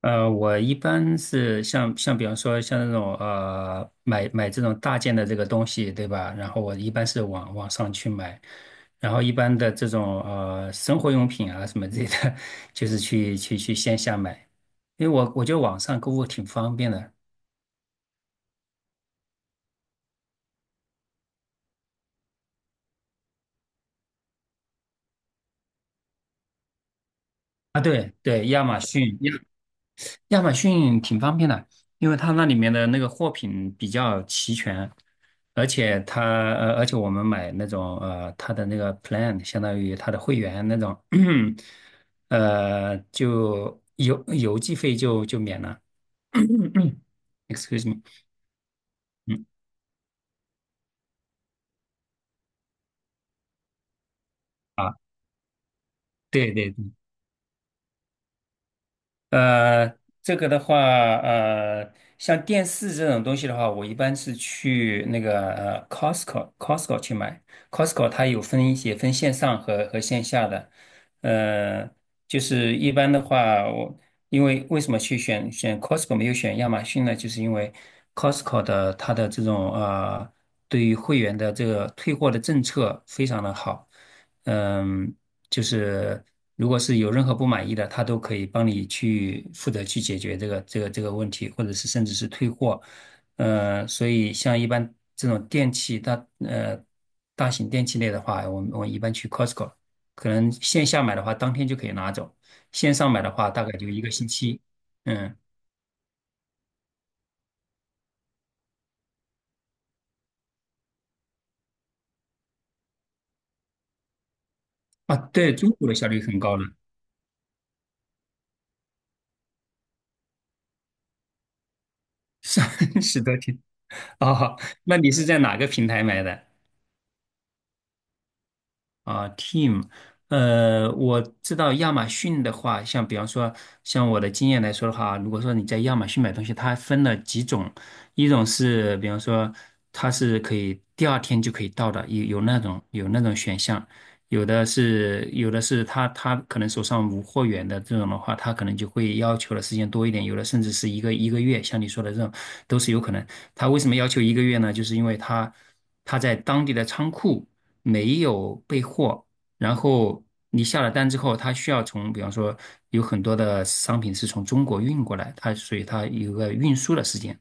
我一般是像比方说像那种买这种大件的这个东西，对吧？然后我一般是网上去买，然后一般的这种生活用品啊什么之类的，就是去线下买，因为我觉得网上购物挺方便的啊。对对，亚马逊，亚马逊挺方便的，因为它那里面的那个货品比较齐全，而且它而且我们买那种它的那个 plan 相当于它的会员那种，就邮寄费就免了。excuse me,嗯，对对对。呃，这个的话，像电视这种东西的话，我一般是去那个Costco，Costco 去买。Costco 它有分一些分线上和线下的，呃，就是一般的话，我因为为什么去选 Costco 没有选亚马逊呢？就是因为 Costco 的它的这种对于会员的这个退货的政策非常的好。嗯，就是如果是有任何不满意的，他都可以帮你去负责去解决这个问题，或者是甚至是退货。所以像一般这种电器大呃大型电器类的话，我们一般去 Costco,可能线下买的话当天就可以拿走，线上买的话大概就一个星期。嗯，啊，对，中国的效率很高的，三十多天。哦，那你是在哪个平台买的？啊，team,我知道亚马逊的话，像比方说，像我的经验来说的话，如果说你在亚马逊买东西，它分了几种，一种是比方说它是可以第二天就可以到的，有有那种选项，有的是他可能手上无货源的这种的话，他可能就会要求的时间多一点，有的甚至是一个月，像你说的这种都是有可能。他为什么要求一个月呢？就是因为他在当地的仓库。没有备货，然后你下了单之后，它需要从，比方说有很多的商品是从中国运过来，它所以它有个运输的时间。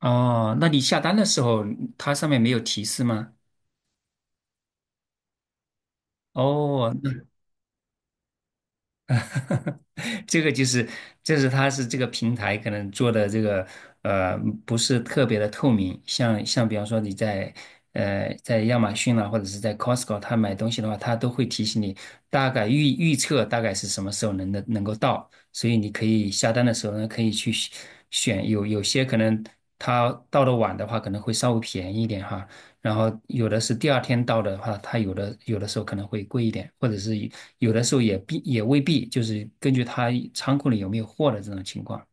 哦，那你下单的时候，它上面没有提示吗？哦，这个就是，这是它是这个平台可能做的这个呃不是特别的透明，像比方说你在在亚马逊啦、或者是在 Costco 它买东西的话，它都会提醒你大概预测大概是什么时候能的能够到，所以你可以下单的时候呢可以去选，有些可能它到的晚的话可能会稍微便宜一点哈，然后有的是第二天到的话，它有的时候可能会贵一点，或者是有的时候也必也未必，就是根据它仓库里有没有货的这种情况。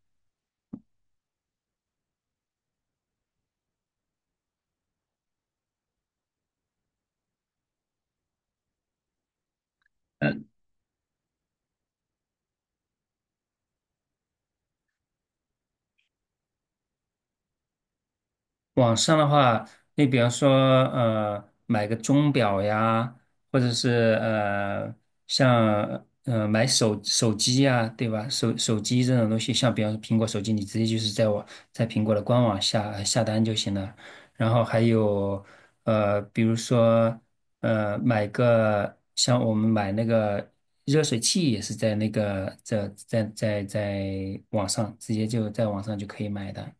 网上的话，你比方说，买个钟表呀，或者是像买手机呀，对吧？手机这种东西，像比方说苹果手机，你直接就是在我在苹果的官网下单就行了。然后还有比如说买个像我们买那个热水器也是在那个在网上直接就在网上就可以买的。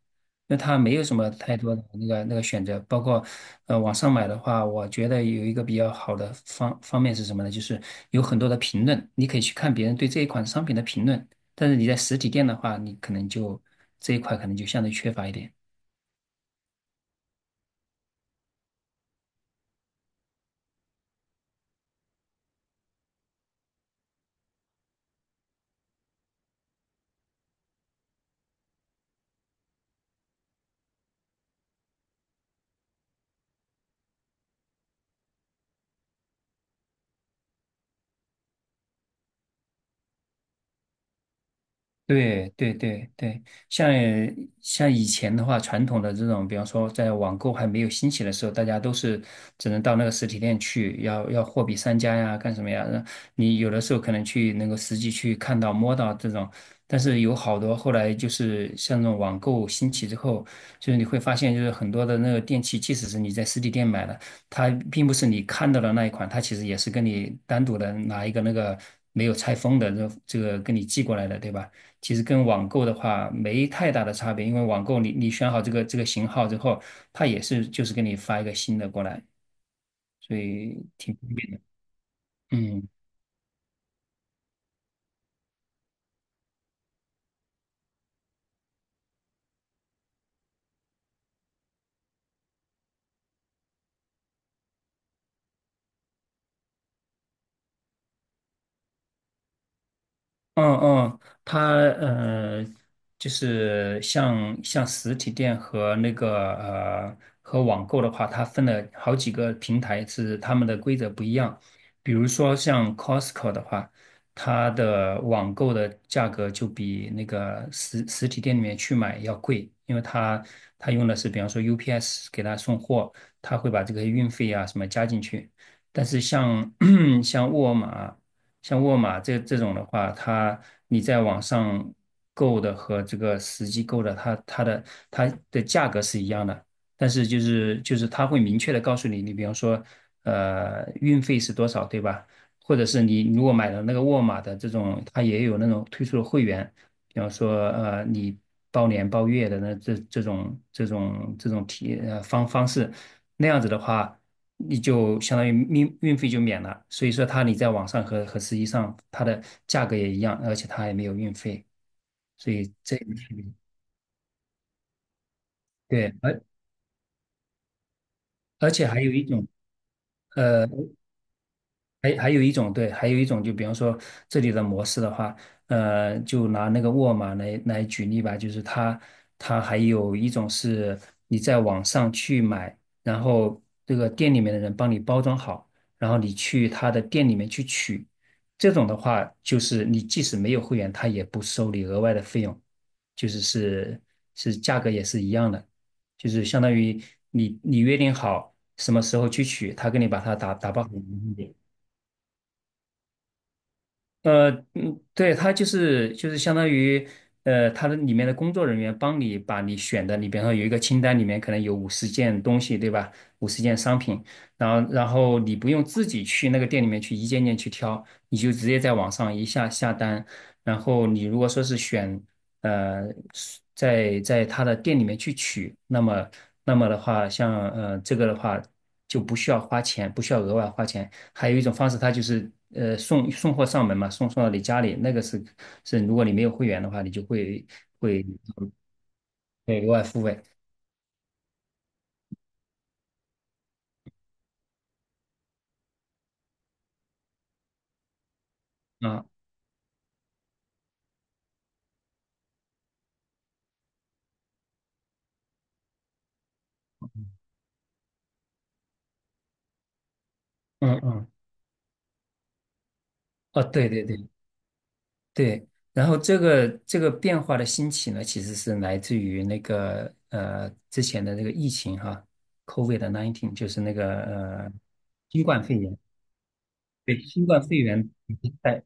那它没有什么太多的那个选择，包括网上买的话，我觉得有一个比较好的方面是什么呢？就是有很多的评论，你可以去看别人对这一款商品的评论，但是你在实体店的话，你可能就这一块可能就相对缺乏一点。对对对对，像像以前的话，传统的这种，比方说在网购还没有兴起的时候，大家都是只能到那个实体店去，要货比三家呀，干什么呀？那你有的时候可能去能够实际去看到、摸到这种，但是有好多后来就是像那种网购兴起之后，就是你会发现，就是很多的那个电器，即使是你在实体店买的，它并不是你看到的那一款，它其实也是跟你单独的拿一个那个没有拆封的这个跟你寄过来的，对吧？其实跟网购的话没太大的差别，因为网购你选好这个型号之后，它也是就是给你发一个新的过来，所以挺方便的。嗯。嗯嗯，它就是像实体店和那个和网购的话，它分了好几个平台，是他们的规则不一样。比如说像 Costco 的话，它的网购的价格就比那个实体店里面去买要贵，因为它它用的是比方说 UPS 给他送货，他会把这个运费啊什么加进去。但是像 像沃尔玛。像沃尔玛这种的话，它你在网上购的和这个实际购的，它的价格是一样的，但是就是它会明确的告诉你，你比方说，运费是多少，对吧？或者是你如果买了那个沃尔玛的这种，它也有那种推出的会员，比方说你包年包月的那这这种这种这种体呃方方式，那样子的话。你就相当于运费就免了。所以说，它你在网上和实际上它的价格也一样，而且它还没有运费。所以这对，而且还有一种，呃，还有一种对，还有一种就比方说这里的模式的话，就拿那个沃尔玛来举例吧，就是它它还有一种是你在网上去买，然后这个店里面的人帮你包装好，然后你去他的店里面去取，这种的话就是你即使没有会员，他也不收你额外的费用，就是价格也是一样的。就是相当于你约定好什么时候去取，他给你把它打包好，嗯，对，他就是相当于，他的里面的工作人员帮你把你选的，你比方说有一个清单，里面可能有五十件东西，对吧？五十件商品，然后你不用自己去那个店里面去一件件去挑，你就直接在网上下单，然后你如果说是选，呃，是在他的店里面去取，那么那么的话，像这个的话就不需要花钱，不需要额外花钱。还有一种方式，它就是送货上门嘛，送到你家里，那个是是如果你没有会员的话，你就会会额外付费啊，嗯嗯，哦，对对对对，然后这个这个变化的兴起呢，其实是来自于那个之前的那个疫情哈，COVID-19 就是那个新冠肺炎，对，新冠肺炎。在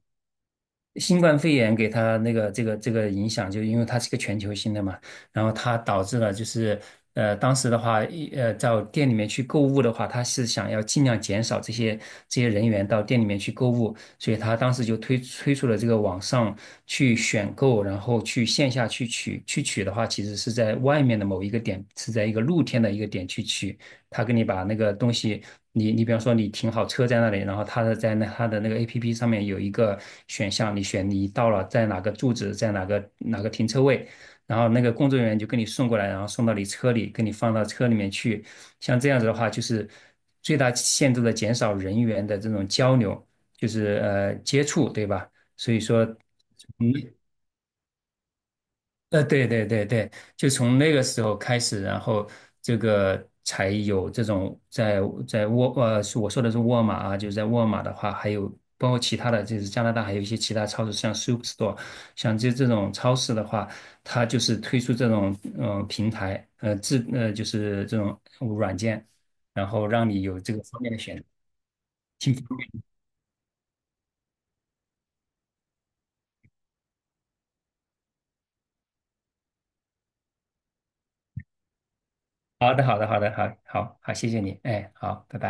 新冠肺炎给他那个这个这个影响，就因为它是一个全球性的嘛，然后它导致了就是当时的话，一到店里面去购物的话，他是想要尽量减少这些人员到店里面去购物，所以他当时就推出了这个网上去选购，然后去线下去取的话，其实是在外面的某一个点，是在一个露天的一个点去取。他给你把那个东西，你比方说你停好车在那里，然后他的在那他的那个 APP 上面有一个选项，你选你到了在哪个住址，在哪个停车位，然后那个工作人员就给你送过来，然后送到你车里，给你放到车里面去。像这样子的话，就是最大限度的减少人员的这种交流，就是接触，对吧？所以说。从对对对对，就从那个时候开始，然后这个才有这种在在沃是我说的是沃尔玛啊，就是在沃尔玛的话，还有包括其他的，就是加拿大还有一些其他超市，像 Superstore,像这种超市的话，它就是推出这种嗯、平台，呃自呃就是这种软件，然后让你有这个方面的选择。好的，好的，好的，好好好，谢谢你，哎，好，拜拜。